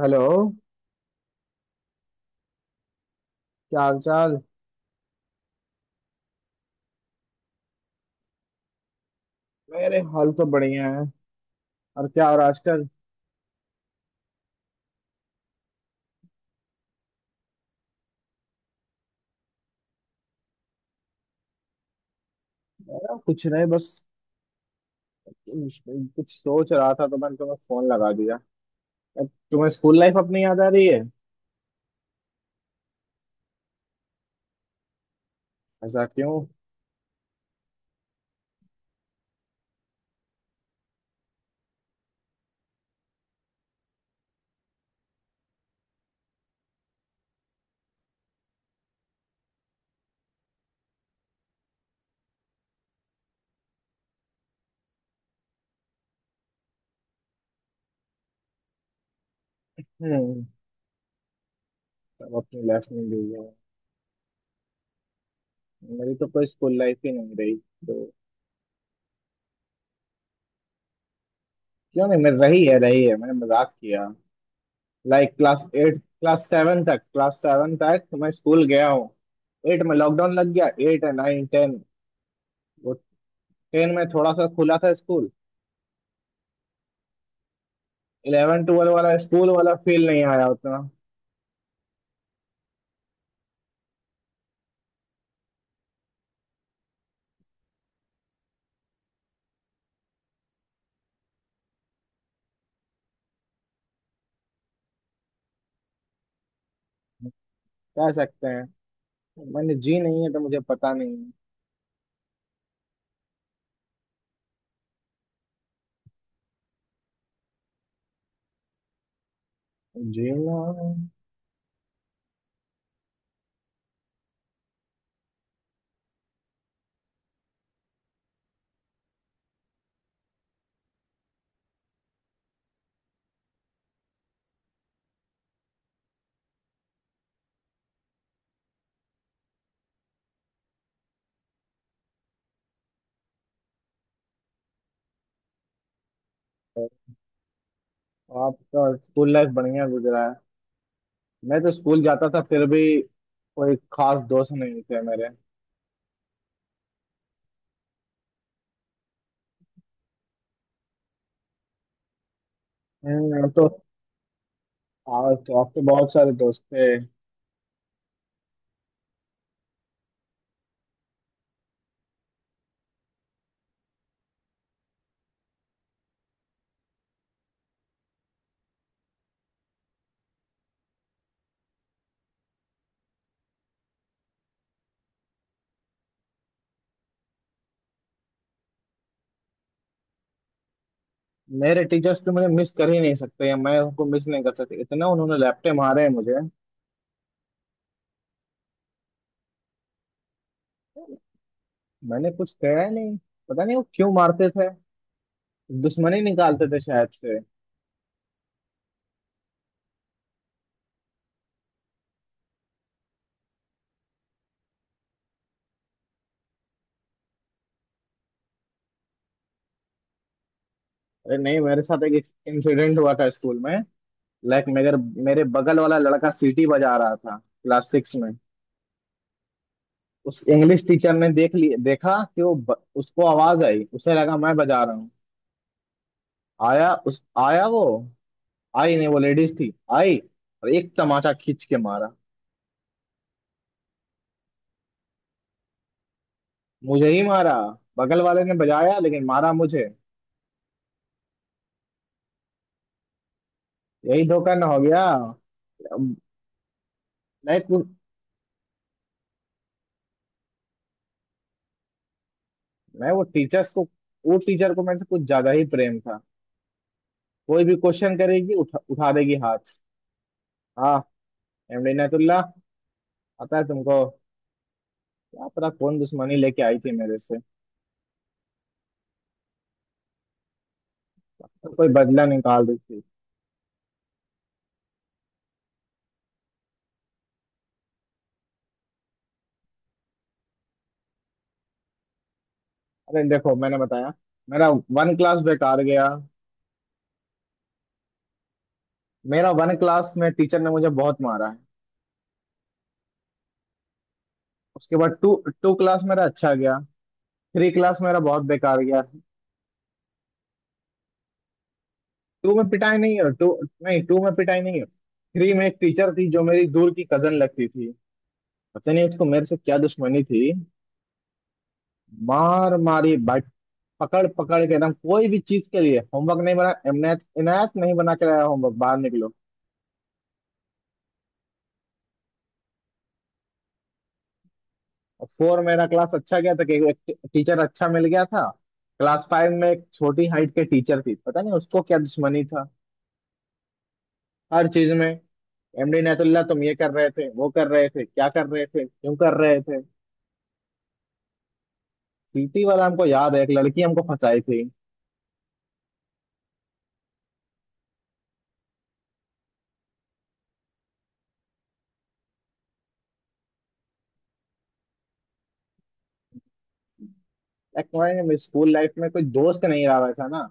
Hello. क्या हाल चाल? मेरे हाल तो बढ़िया है। और क्या? और आजकल? मेरा कुछ नहीं, बस कुछ सोच रहा था तो मैंने तुम्हें फोन लगा दिया। अब तुम्हें स्कूल लाइफ अपनी याद आ रही है? ऐसा क्यों? हम्म तब अपनी लाइफ में गई है। मेरी तो कोई स्कूल लाइफ ही नहीं रही, तो। क्यों नहीं, मेरी रही है, रही है, मैंने मजाक किया। लाइक क्लास सेवन तक मैं स्कूल गया हूँ। एट में लॉकडाउन लग गया। एट है, 9, 10। वो 10 में थोड़ा सा खुला था स्कूल। 11 12 वाला स्कूल वाला फील नहीं आया उतना। कह सकते हैं। मैंने जी नहीं है तो मुझे पता नहीं है। जीना है। आपका स्कूल लाइफ बढ़िया गुजरा है। मैं तो स्कूल जाता था, फिर भी कोई खास दोस्त नहीं थे मेरे। अब तो। आज तो, अब तो बहुत सारे दोस्त थे। मेरे टीचर्स तो मुझे मिस कर ही नहीं सकते, या मैं उनको मिस नहीं कर सकती, इतना उन्होंने लैपटे मारे हैं मुझे। मैंने कुछ कहा ही नहीं। पता नहीं वो क्यों मारते थे। दुश्मनी निकालते थे शायद से। अरे नहीं, मेरे साथ एक इंसिडेंट हुआ था स्कूल में। लाइक मेरे मेरे बगल वाला लड़का सीटी बजा रहा था क्लास 6 में। उस इंग्लिश टीचर ने देख लिया। देखा कि वो उसको आवाज आई, उसे लगा मैं बजा रहा हूँ। आया वो, आई नहीं, वो लेडीज थी। आई और एक तमाचा खींच के मारा। मुझे ही मारा। बगल वाले ने बजाया लेकिन मारा मुझे। यही धोखा ना हो गया। लाइक मैं वो टीचर्स को वो टीचर को मेरे से कुछ ज्यादा ही प्रेम था। कोई भी क्वेश्चन करेगी, उठा उठा देगी हाथ। हाँ। एमडी नेतुल्ला। पता है तुमको? क्या पता कौन दुश्मनी लेके आई थी मेरे से। तो कोई बदला निकाल रही थी। अरे देखो मैंने बताया। मेरा वन क्लास बेकार गया। मेरा वन क्लास में टीचर ने मुझे बहुत मारा है। उसके बाद टू टू क्लास मेरा अच्छा गया। थ्री क्लास मेरा बहुत बेकार गया। टू में पिटाई नहीं है टू नहीं टू में पिटाई नहीं है। थ्री में एक टीचर थी जो मेरी दूर की कजन लगती थी। पता नहीं उसको मेरे से क्या दुश्मनी थी। मार मारी, बट पकड़ पकड़ के एकदम, कोई भी चीज के लिए। होमवर्क नहीं बना, इनायत, इनायत नहीं बना के लाया होमवर्क, बाहर निकलो। और फोर मेरा क्लास अच्छा गया था कि एक टीचर अच्छा मिल गया था। क्लास फाइव में एक छोटी हाइट के टीचर थी, पता नहीं उसको क्या दुश्मनी था। हर चीज में एमडी इनायतुल्ला, तुम ये कर रहे थे, वो कर रहे थे, क्या कर रहे थे, क्यों कर रहे थे। सीटी वाला हमको याद है, एक लड़की हमको फंसाई थी। एक स्कूल लाइफ में कोई दोस्त नहीं रहा वैसा ना।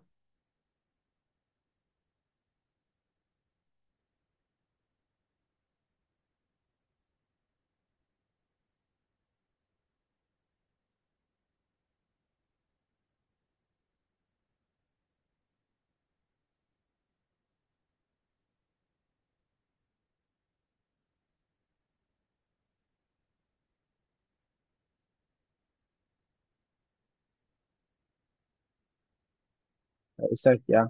ऐसा क्या?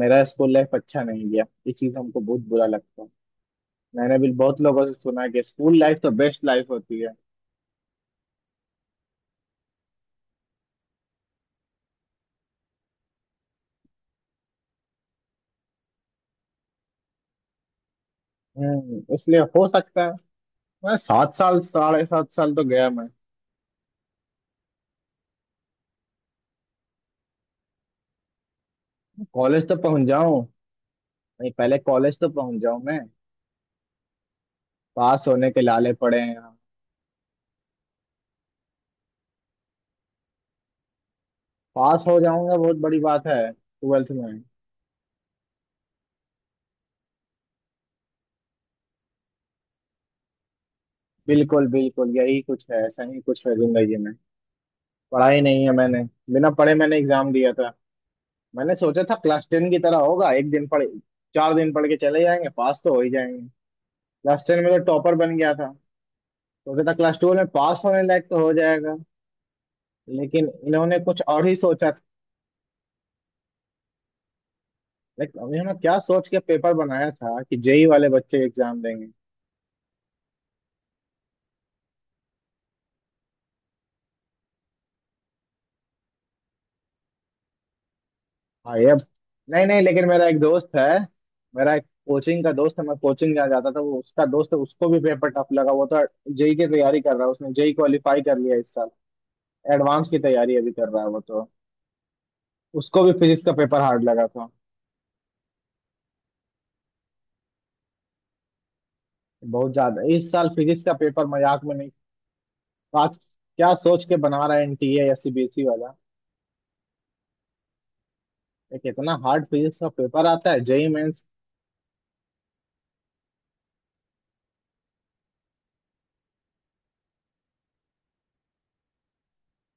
मेरा स्कूल लाइफ अच्छा नहीं गया, ये चीज हमको बहुत बुरा लगता है। मैंने भी बहुत लोगों से सुना है कि स्कूल लाइफ तो बेस्ट लाइफ होती है। इसलिए हो सकता है। मैं 7 साल, साढ़े 7 साल तो गया मैं। कॉलेज तो पहुंच जाऊं नहीं, पहले कॉलेज तो पहुंच जाऊं मैं। पास होने के लाले पड़े हैं यहाँ। पास हो जाऊंगा बहुत बड़ी बात है 12वीं में। बिल्कुल बिल्कुल, यही कुछ है, ऐसा ही कुछ है जिंदगी में। पढ़ाई नहीं है मैंने। बिना पढ़े मैंने एग्जाम दिया था। मैंने सोचा था क्लास 10 की तरह होगा। एक दिन पढ़ चार दिन पढ़ के चले जाएंगे, पास तो हो ही जाएंगे। क्लास टेन में तो टॉपर बन गया था। सोचा था क्लास 12 में पास होने लायक तो हो जाएगा। लेकिन इन्होंने कुछ और ही सोचा था। लेकिन अब इन्होंने क्या सोच के पेपर बनाया था कि जेई वाले बच्चे एग्जाम देंगे। हाँ, ये अब। नहीं नहीं, लेकिन मेरा एक दोस्त है। मेरा एक कोचिंग का दोस्त है। मैं कोचिंग जा जाता था, वो उसका दोस्त है, उसको भी पेपर टफ लगा। वो तो जेई की तैयारी कर रहा है, उसने जेई क्वालिफाई कर लिया इस साल। एडवांस की तैयारी अभी कर रहा है वो तो। उसको भी फिजिक्स का पेपर हार्ड लगा था। बहुत ज्यादा, इस साल फिजिक्स का पेपर मजाक में नहीं। आज क्या सोच के बना रहा है एनटीए या सीबीएसई वाला, एक इतना हार्ड फिजिक्स का पेपर आता है जेई मेंस।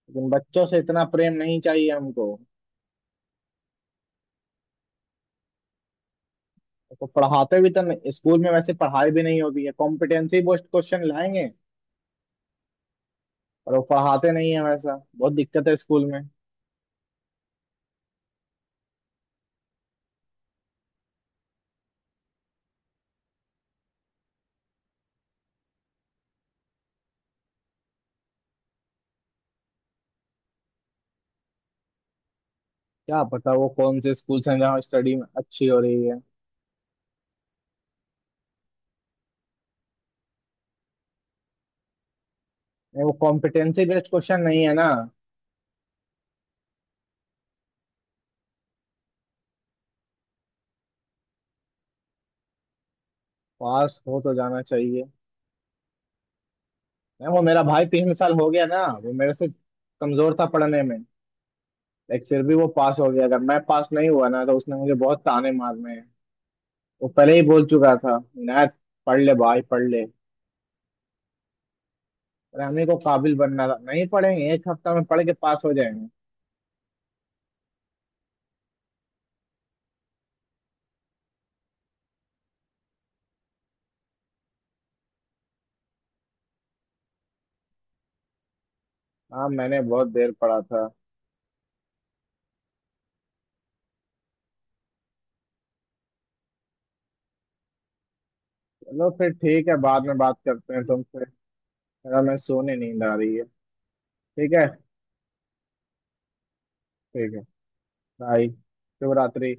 लेकिन बच्चों से इतना प्रेम नहीं चाहिए हमको। तो पढ़ाते भी तो नहीं स्कूल में, वैसे पढ़ाई भी नहीं होती है। कॉम्पिटेंसी बेस्ड क्वेश्चन लाएंगे और वो पढ़ाते नहीं है वैसा, बहुत दिक्कत है स्कूल में। क्या पता वो कौन से स्कूल हैं जहाँ स्टडी में अच्छी हो रही है। नहीं, वो कॉम्पिटेंसी बेस्ड क्वेश्चन नहीं है ना। पास हो तो जाना चाहिए। नहीं, वो मेरा भाई पिछले साल हो गया ना, वो मेरे से कमजोर था पढ़ने में। लाइक फिर भी वो पास हो गया। अगर मैं पास नहीं हुआ ना, तो उसने मुझे बहुत ताने मारने हैं। वो पहले ही बोल चुका था, नायत पढ़ ले भाई, पढ़ ले। पर हमें को काबिल बनना था, नहीं पढ़ेंगे, एक हफ्ता में पढ़ के पास हो जाएंगे। हाँ, मैंने बहुत देर पढ़ा था। चलो फिर ठीक है, बाद में बात करते हैं तुमसे। मेरा मैं सोने, नींद आ रही है। ठीक है। ठीक है। बाय। शुभ रात्रि।